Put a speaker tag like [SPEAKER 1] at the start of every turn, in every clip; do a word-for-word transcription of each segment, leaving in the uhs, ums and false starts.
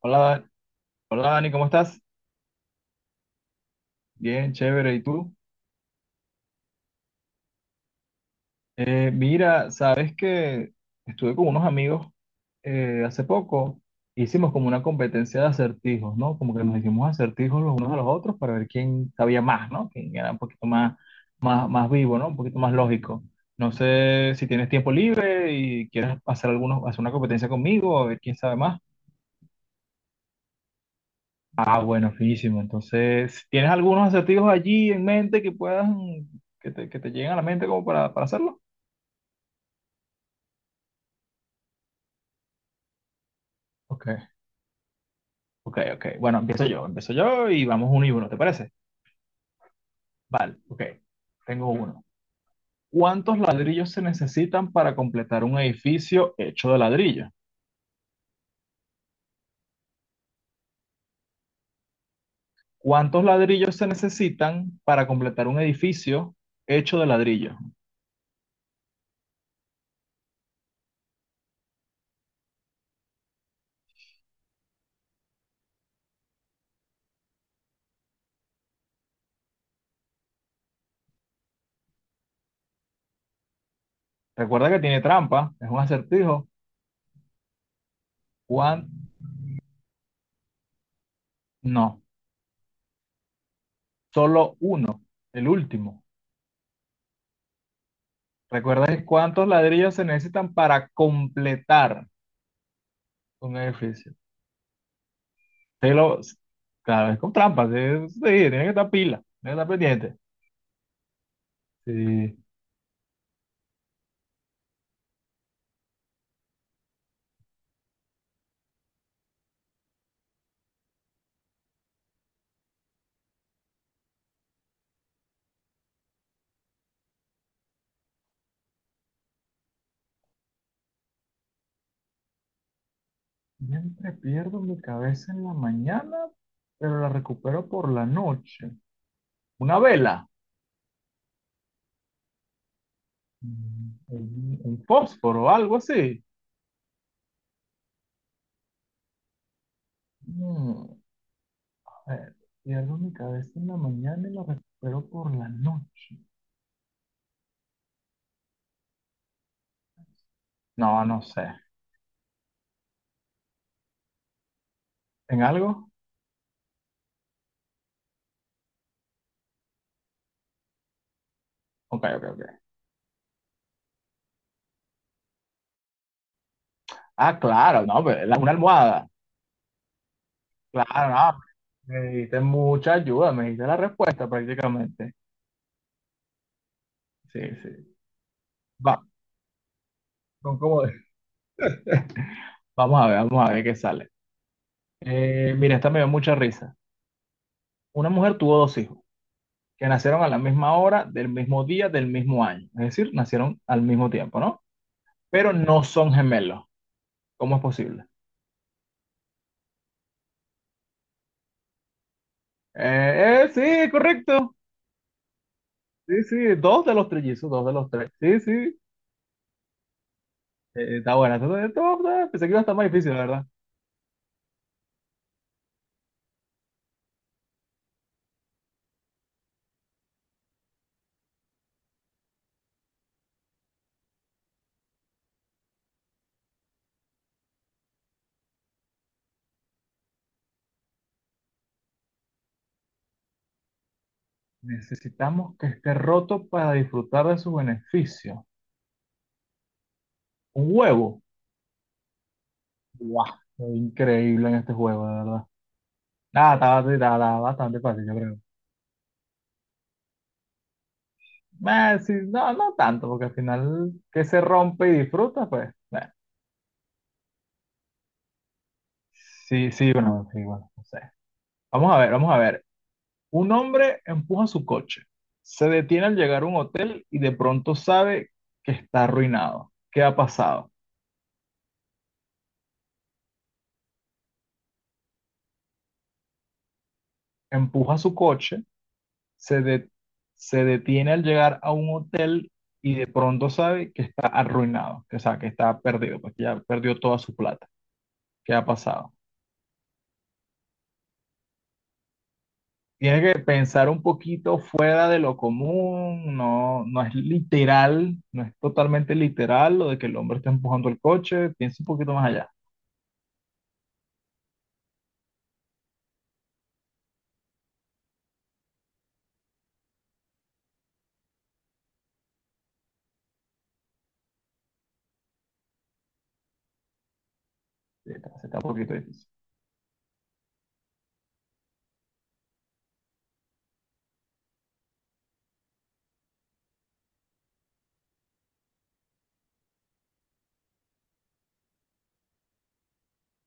[SPEAKER 1] Hola, Dan- hola Dani, ¿cómo estás? Bien, chévere. ¿Y tú? Eh, mira, sabes que estuve con unos amigos eh, hace poco. Hicimos como una competencia de acertijos, ¿no? Como que nos hicimos acertijos los unos a los otros para ver quién sabía más, ¿no? Quién era un poquito más, más, más vivo, ¿no? Un poquito más lógico. No sé si tienes tiempo libre y quieres hacer algunos, hacer una competencia conmigo, a ver quién sabe más. Ah, bueno, finísimo. Entonces, ¿tienes algunos acertijos allí en mente que puedan, que te, que te lleguen a la mente como para, para hacerlo? Ok, ok, ok. Bueno, empiezo yo, empiezo yo y vamos uno y uno, ¿te parece? Vale, ok. Tengo uno. ¿Cuántos ladrillos se necesitan para completar un edificio hecho de ladrillo? ¿Cuántos ladrillos se necesitan para completar un edificio hecho de ladrillo? Recuerda que tiene trampa, es un acertijo. ¿Cuán? No, solo uno, el último. ¿Recuerdas cuántos ladrillos se necesitan para completar un edificio? Te lo, claro, es con trampas, es- sí, tiene que estar pila, tiene que estar pendiente. Sí. Siempre pierdo mi cabeza en la mañana, pero la recupero por la noche. Una vela. Mm, un, un fósforo, algo así. Mm, a ver, pierdo mi cabeza en la mañana y la recupero por la noche. No, no sé. ¿En algo? Ok, ok, ok. Ah, claro, no, pues, la- una almohada. Claro, no, me diste mucha ayuda, me diste la respuesta prácticamente. Sí, sí. Va, son como- vamos a ver, vamos a ver qué sale. Eh, mira, esta me dio mucha risa. Una mujer tuvo dos hijos que nacieron a la misma hora, del mismo día, del mismo año. Es decir, nacieron al mismo tiempo, ¿no? Pero no son gemelos. ¿Cómo es posible? Eh, eh, sí, correcto. Sí, sí, dos de los trillizos, dos de los tres. Sí, sí. Eh, está buena. Entonces, esto, eh, pensé que iba a estar más difícil, la verdad. Necesitamos que esté roto para disfrutar de su beneficio. Un huevo. ¡Guau! Increíble en este juego, de verdad. Nada, está bastante, está- está bastante fácil, yo creo. Eh, sí, no, no tanto, porque al final que se rompe y disfruta, pues. eh. Sí, sí, bueno, sí, bueno, no sé. Vamos a ver, vamos a ver. Un hombre empuja su coche. Se detiene al llegar a un hotel y de pronto sabe que está arruinado. ¿Qué ha pasado? Empuja su coche se, de- se detiene al llegar a un hotel y de pronto sabe que está arruinado, que, o sea, que está perdido, porque ya perdió toda su plata. ¿Qué ha pasado? Tiene que pensar un poquito fuera de lo común, no, no es literal, no es totalmente literal lo de que el hombre está empujando el coche, piensa un poquito más allá. Sí, Está, sí está un poquito difícil.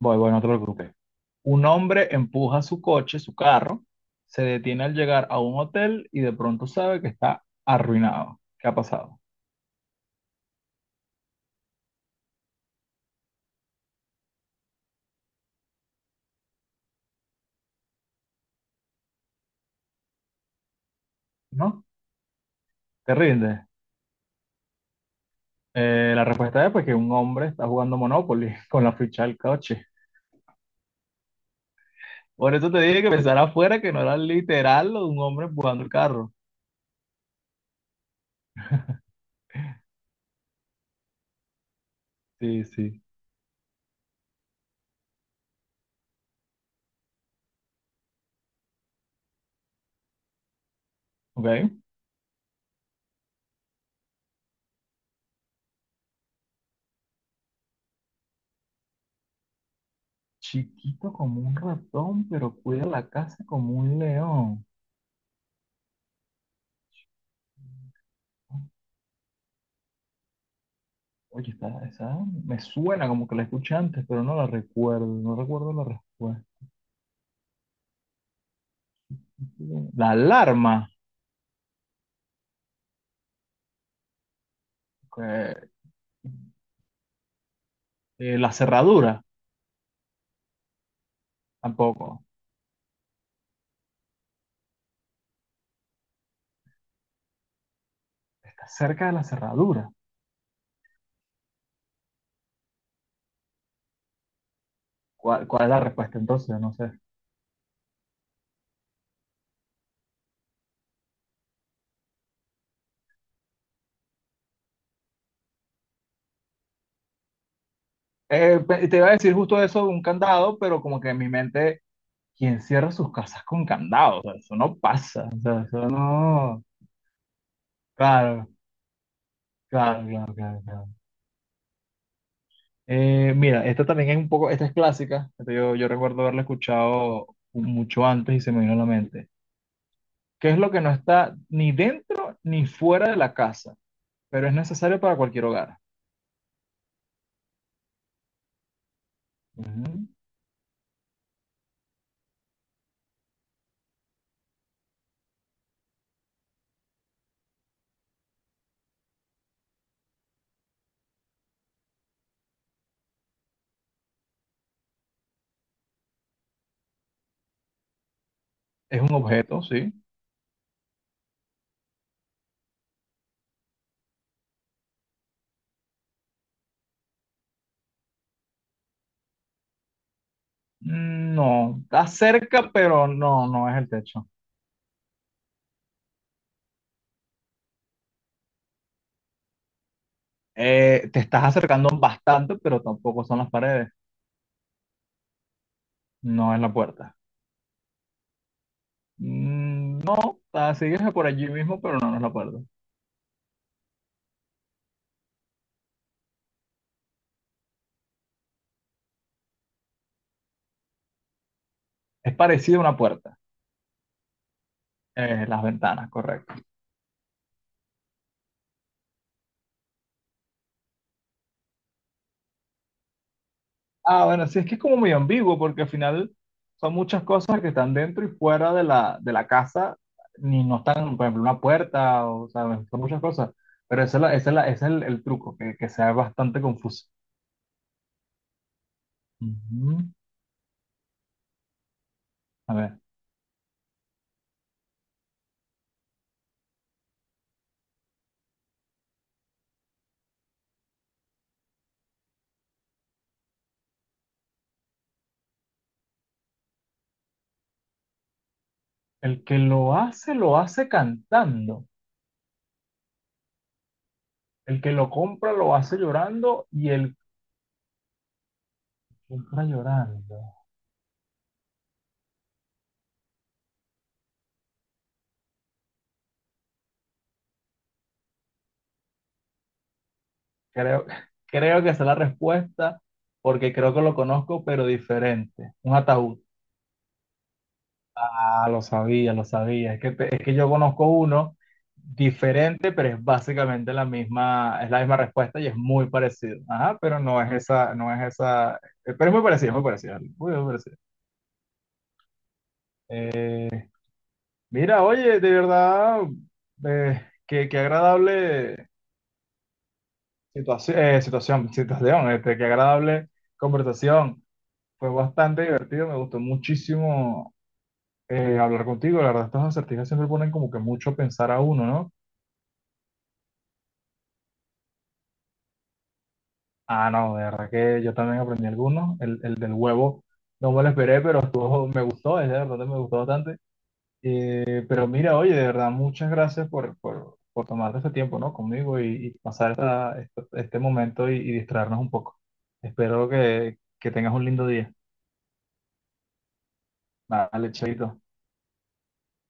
[SPEAKER 1] Voy, voy, no te preocupes. Un hombre empuja su coche, su carro, se detiene al llegar a un hotel y de pronto sabe que está arruinado. ¿Qué ha pasado? ¿No? Te rinde. Eh, la respuesta es pues que un hombre está jugando Monopoly con la ficha del coche. Por eso te dije que pensara afuera que no era literal lo de un hombre empujando el carro. Sí, sí. Ok. Chiquito como un ratón, pero cuida la casa como un león. Oye, esta, esa me suena como que la escuché antes, pero no la recuerdo. No recuerdo la respuesta. La alarma. Ok. Eh, la cerradura. Tampoco. Está cerca de la cerradura. ¿Cuál, cuál es la respuesta entonces? No sé. Eh, pe- te iba a decir justo eso de un candado, pero como que en mi mente, ¿quién cierra sus casas con candado? O sea, eso no pasa. O sea, eso no. Claro, claro, claro, claro, claro. Eh, mira, esta también es un poco, esta es clásica. Esta yo, yo recuerdo haberla escuchado mucho antes y se me vino a la mente. ¿Qué es lo que no está ni dentro ni fuera de la casa, pero es necesario para cualquier hogar? Ujú. Es un objeto, sí. Mm, no, está cerca, pero no, no es el techo. Eh, te estás acercando bastante, pero tampoco son las paredes, no es la puerta. Mm, no, ah, sigues por allí mismo, pero no, no es la puerta. Es parecido a una puerta, eh, las ventanas, correcto. Ah, bueno, sí, es que es como muy ambiguo, porque al final son muchas cosas que están dentro y fuera de la, de la, casa, ni no están, por ejemplo, una puerta, o sea, son muchas cosas. Pero ese es, la- esa es la- ese es el, el truco, que, que sea bastante confuso. Ujú. A ver, el que lo hace, lo hace cantando. El que lo compra lo hace llorando y el que compra llorando. Creo, creo que esa es la respuesta porque creo que lo conozco, pero diferente. Un ataúd. Ah, lo sabía, lo sabía. Es que, te- es que yo conozco uno diferente, pero es básicamente la misma, es la misma respuesta y es muy parecido. Ajá, pero no es esa, no es esa, eh, pero es muy parecido, muy parecido, muy, muy parecido. Mira, oye, de verdad, eh, qué, qué agradable Situación, eh, situación, situación, este, qué agradable conversación. Fue bastante divertido, me gustó muchísimo eh, hablar contigo. La verdad, estas acertijas siempre ponen como que mucho a pensar a uno, ¿no? Ah, no, de verdad que yo también aprendí algunos. El, el del huevo no me lo esperé, pero estuvo- me gustó, es de verdad me gustó bastante. Eh, pero mira, oye, de verdad, muchas gracias por, por, por tomarte este tiempo, ¿no? Conmigo y, y pasar esta- esta- este momento y, y distraernos un poco. Espero que, que tengas un lindo día. Vale, chaito.